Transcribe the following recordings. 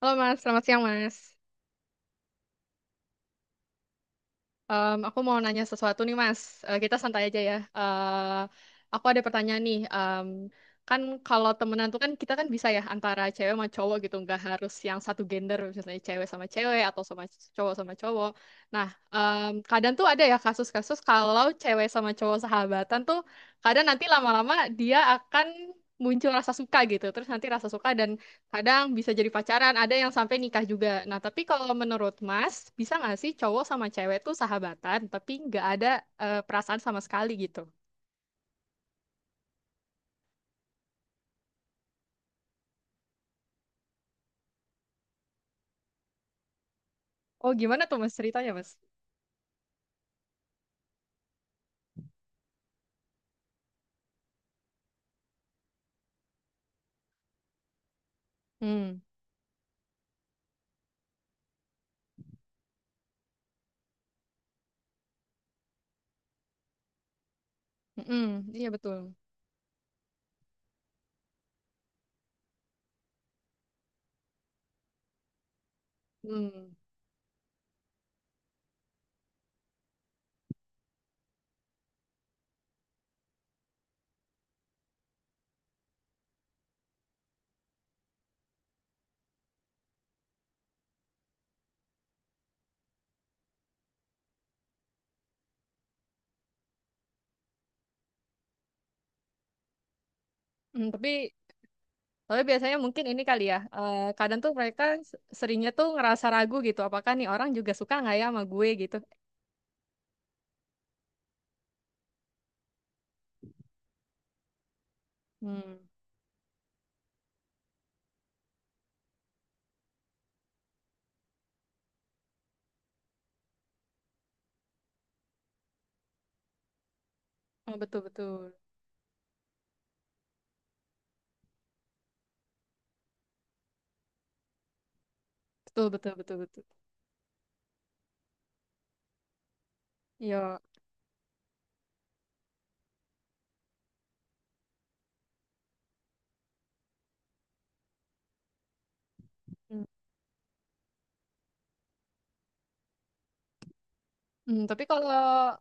Halo Mas, selamat siang Mas. Aku mau nanya sesuatu nih Mas. Kita santai aja ya. Aku ada pertanyaan nih. Kan kalau temenan tuh kan kita kan bisa ya antara cewek sama cowok gitu, nggak harus yang satu gender, misalnya cewek sama cewek atau sama cowok sama cowok. Nah, kadang tuh ada ya kasus-kasus kalau cewek sama cowok sahabatan tuh kadang nanti lama-lama dia akan muncul rasa suka gitu. Terus nanti rasa suka dan kadang bisa jadi pacaran, ada yang sampai nikah juga. Nah, tapi kalau menurut Mas, bisa nggak sih cowok sama cewek tuh sahabatan, tapi nggak ada perasaan sama sekali gitu? Oh, gimana tuh Mas ceritanya, Mas? Hmm, mm-mm, iya betul. Hmm. Hmm, tapi biasanya mungkin ini kali ya. Kadang tuh mereka seringnya tuh ngerasa ragu gitu. Apakah nih orang juga suka nggak ya sama gue gitu? Hmm. Oh, betul betul. Betul betul betul betul. Iya. Hmm. Hmm, tapi kalau.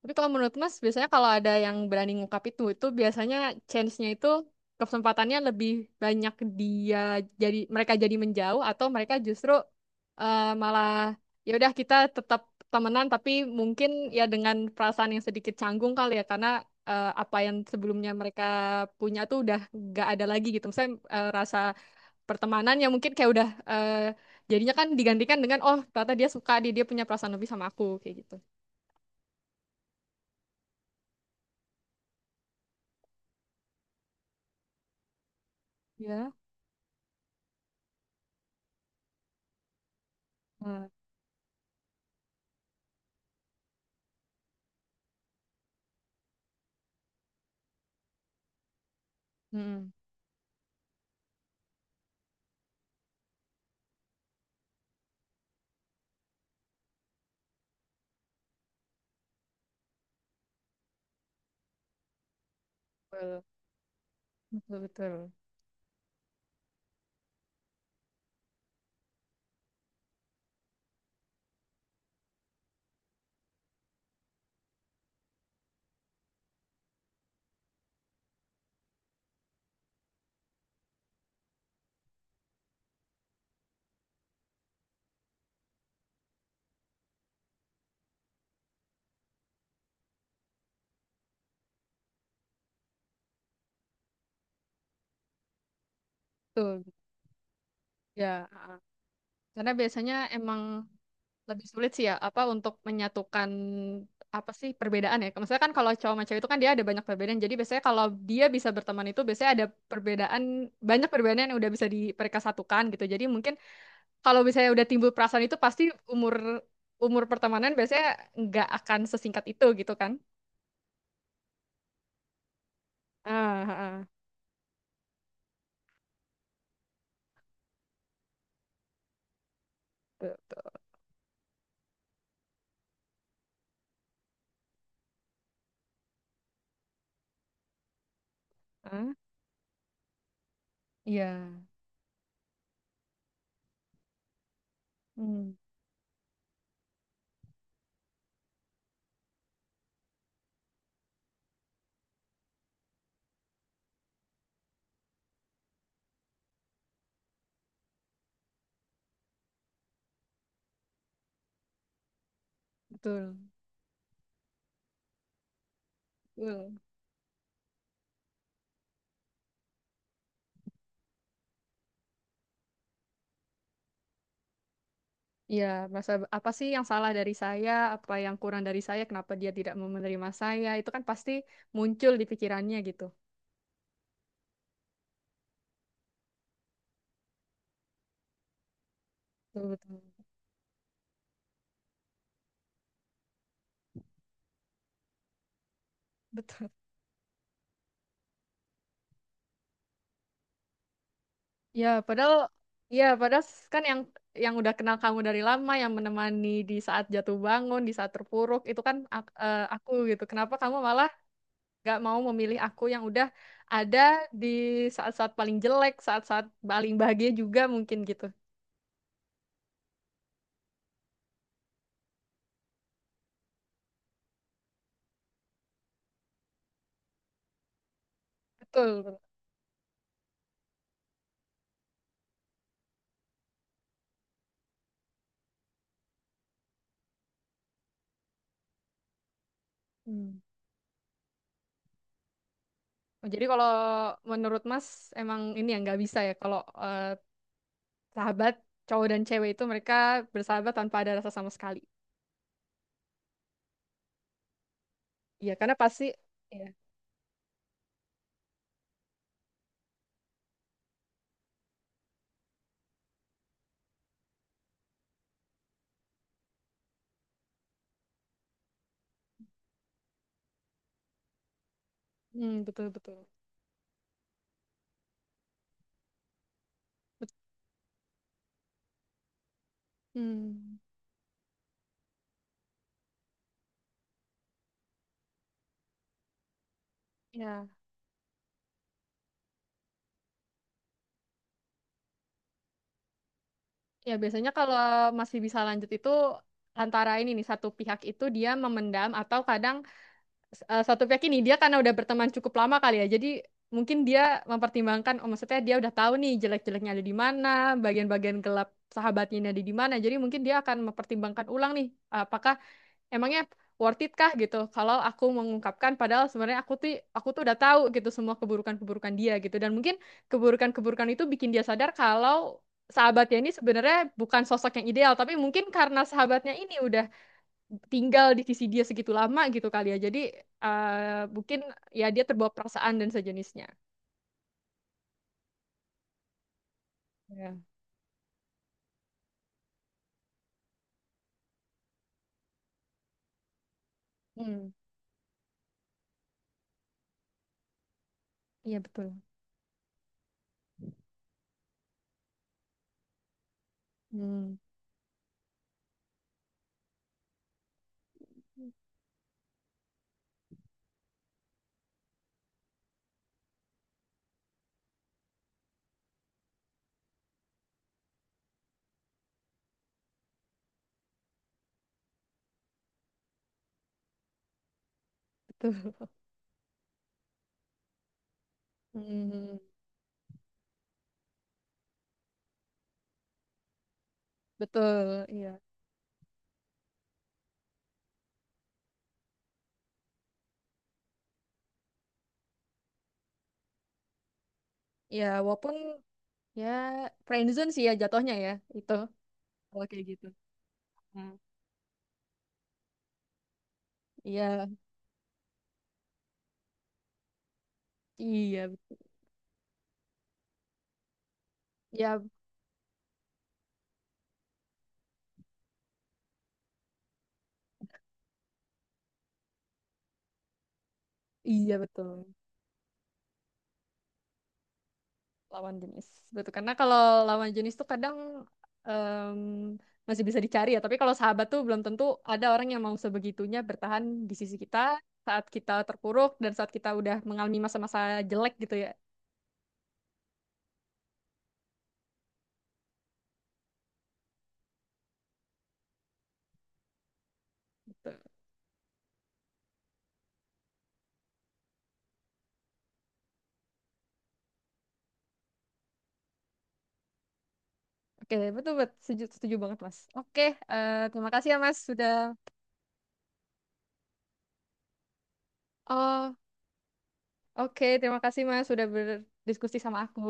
Tapi kalau menurut Mas, biasanya kalau ada yang berani ngungkap itu biasanya chance-nya itu, kesempatannya lebih banyak dia jadi mereka jadi menjauh atau mereka justru malah ya udah kita tetap temenan tapi mungkin ya dengan perasaan yang sedikit canggung kali ya karena apa yang sebelumnya mereka punya tuh udah gak ada lagi gitu. Misalnya rasa pertemanan yang mungkin kayak udah jadinya kan digantikan dengan oh ternyata dia suka dia dia punya perasaan lebih sama aku kayak gitu. Ya. Hmm. Betul, betul, betul. Betul, ya. Ah. Karena biasanya emang lebih sulit sih ya, apa untuk menyatukan apa sih perbedaan ya. Maksudnya kan kalau cowok sama cewek itu kan dia ada banyak perbedaan. Jadi biasanya kalau dia bisa berteman itu biasanya ada perbedaan, banyak perbedaan yang udah bisa mereka satukan gitu. Jadi mungkin kalau misalnya udah timbul perasaan itu pasti umur umur pertemanan biasanya nggak akan sesingkat itu gitu kan. Ah, ah, ah. Betul, betul. Ah, iya. Hmm, betul, betul. Iya, masa apa sih yang salah dari saya, apa yang kurang dari saya, kenapa dia tidak mau menerima saya, itu kan pasti muncul di pikirannya gitu. Betul, betul. Betul. Ya, padahal ya, padahal kan yang udah kenal kamu dari lama, yang menemani di saat jatuh bangun, di saat terpuruk, itu kan aku gitu. Kenapa kamu malah gak mau memilih aku yang udah ada di saat-saat paling jelek, saat-saat paling bahagia juga mungkin gitu. Betul. Betul. Oh, jadi kalau menurut Mas emang ini yang nggak bisa ya kalau eh, sahabat cowok dan cewek itu mereka bersahabat tanpa ada rasa sama sekali. Iya, karena pasti ya. Hmm, betul betul. Bet-. Hmm. Ya. Ya biasanya kalau masih bisa lanjut itu antara ini nih satu pihak itu dia memendam atau kadang satu pihak ini dia karena udah berteman cukup lama kali ya. Jadi mungkin dia mempertimbangkan, oh maksudnya dia udah tahu nih jelek-jeleknya ada di mana, bagian-bagian gelap sahabatnya ini ada di mana. Jadi mungkin dia akan mempertimbangkan ulang nih, apakah emangnya worth it kah gitu. Kalau aku mengungkapkan, padahal sebenarnya aku tuh udah tahu gitu semua keburukan-keburukan dia gitu. Dan mungkin keburukan-keburukan itu bikin dia sadar kalau sahabatnya ini sebenarnya bukan sosok yang ideal, tapi mungkin karena sahabatnya ini udah tinggal di sisi dia segitu lama gitu kali ya. Jadi mungkin ya dia terbawa perasaan dan sejenisnya. Ya. Hmm. Iya betul. Hmm. Betul. Hmm. Betul. Iya. Ya walaupun ya friendzone sih ya jatuhnya ya itu. Kalau kayak gitu. Hmm. Iya. Iya. Ya, iya betul. Lawan jenis. Betul. Karena kalau lawan jenis tuh kadang em, masih bisa dicari ya. Tapi kalau sahabat tuh belum tentu ada orang yang mau sebegitunya bertahan di sisi kita saat kita terpuruk dan saat kita udah mengalami masa-masa jelek gitu ya. Gitu. Oke, betul betul setuju, setuju banget Mas. Oke, terima kasih ya Mas sudah. Oh, oke, terima kasih Mas sudah berdiskusi sama aku.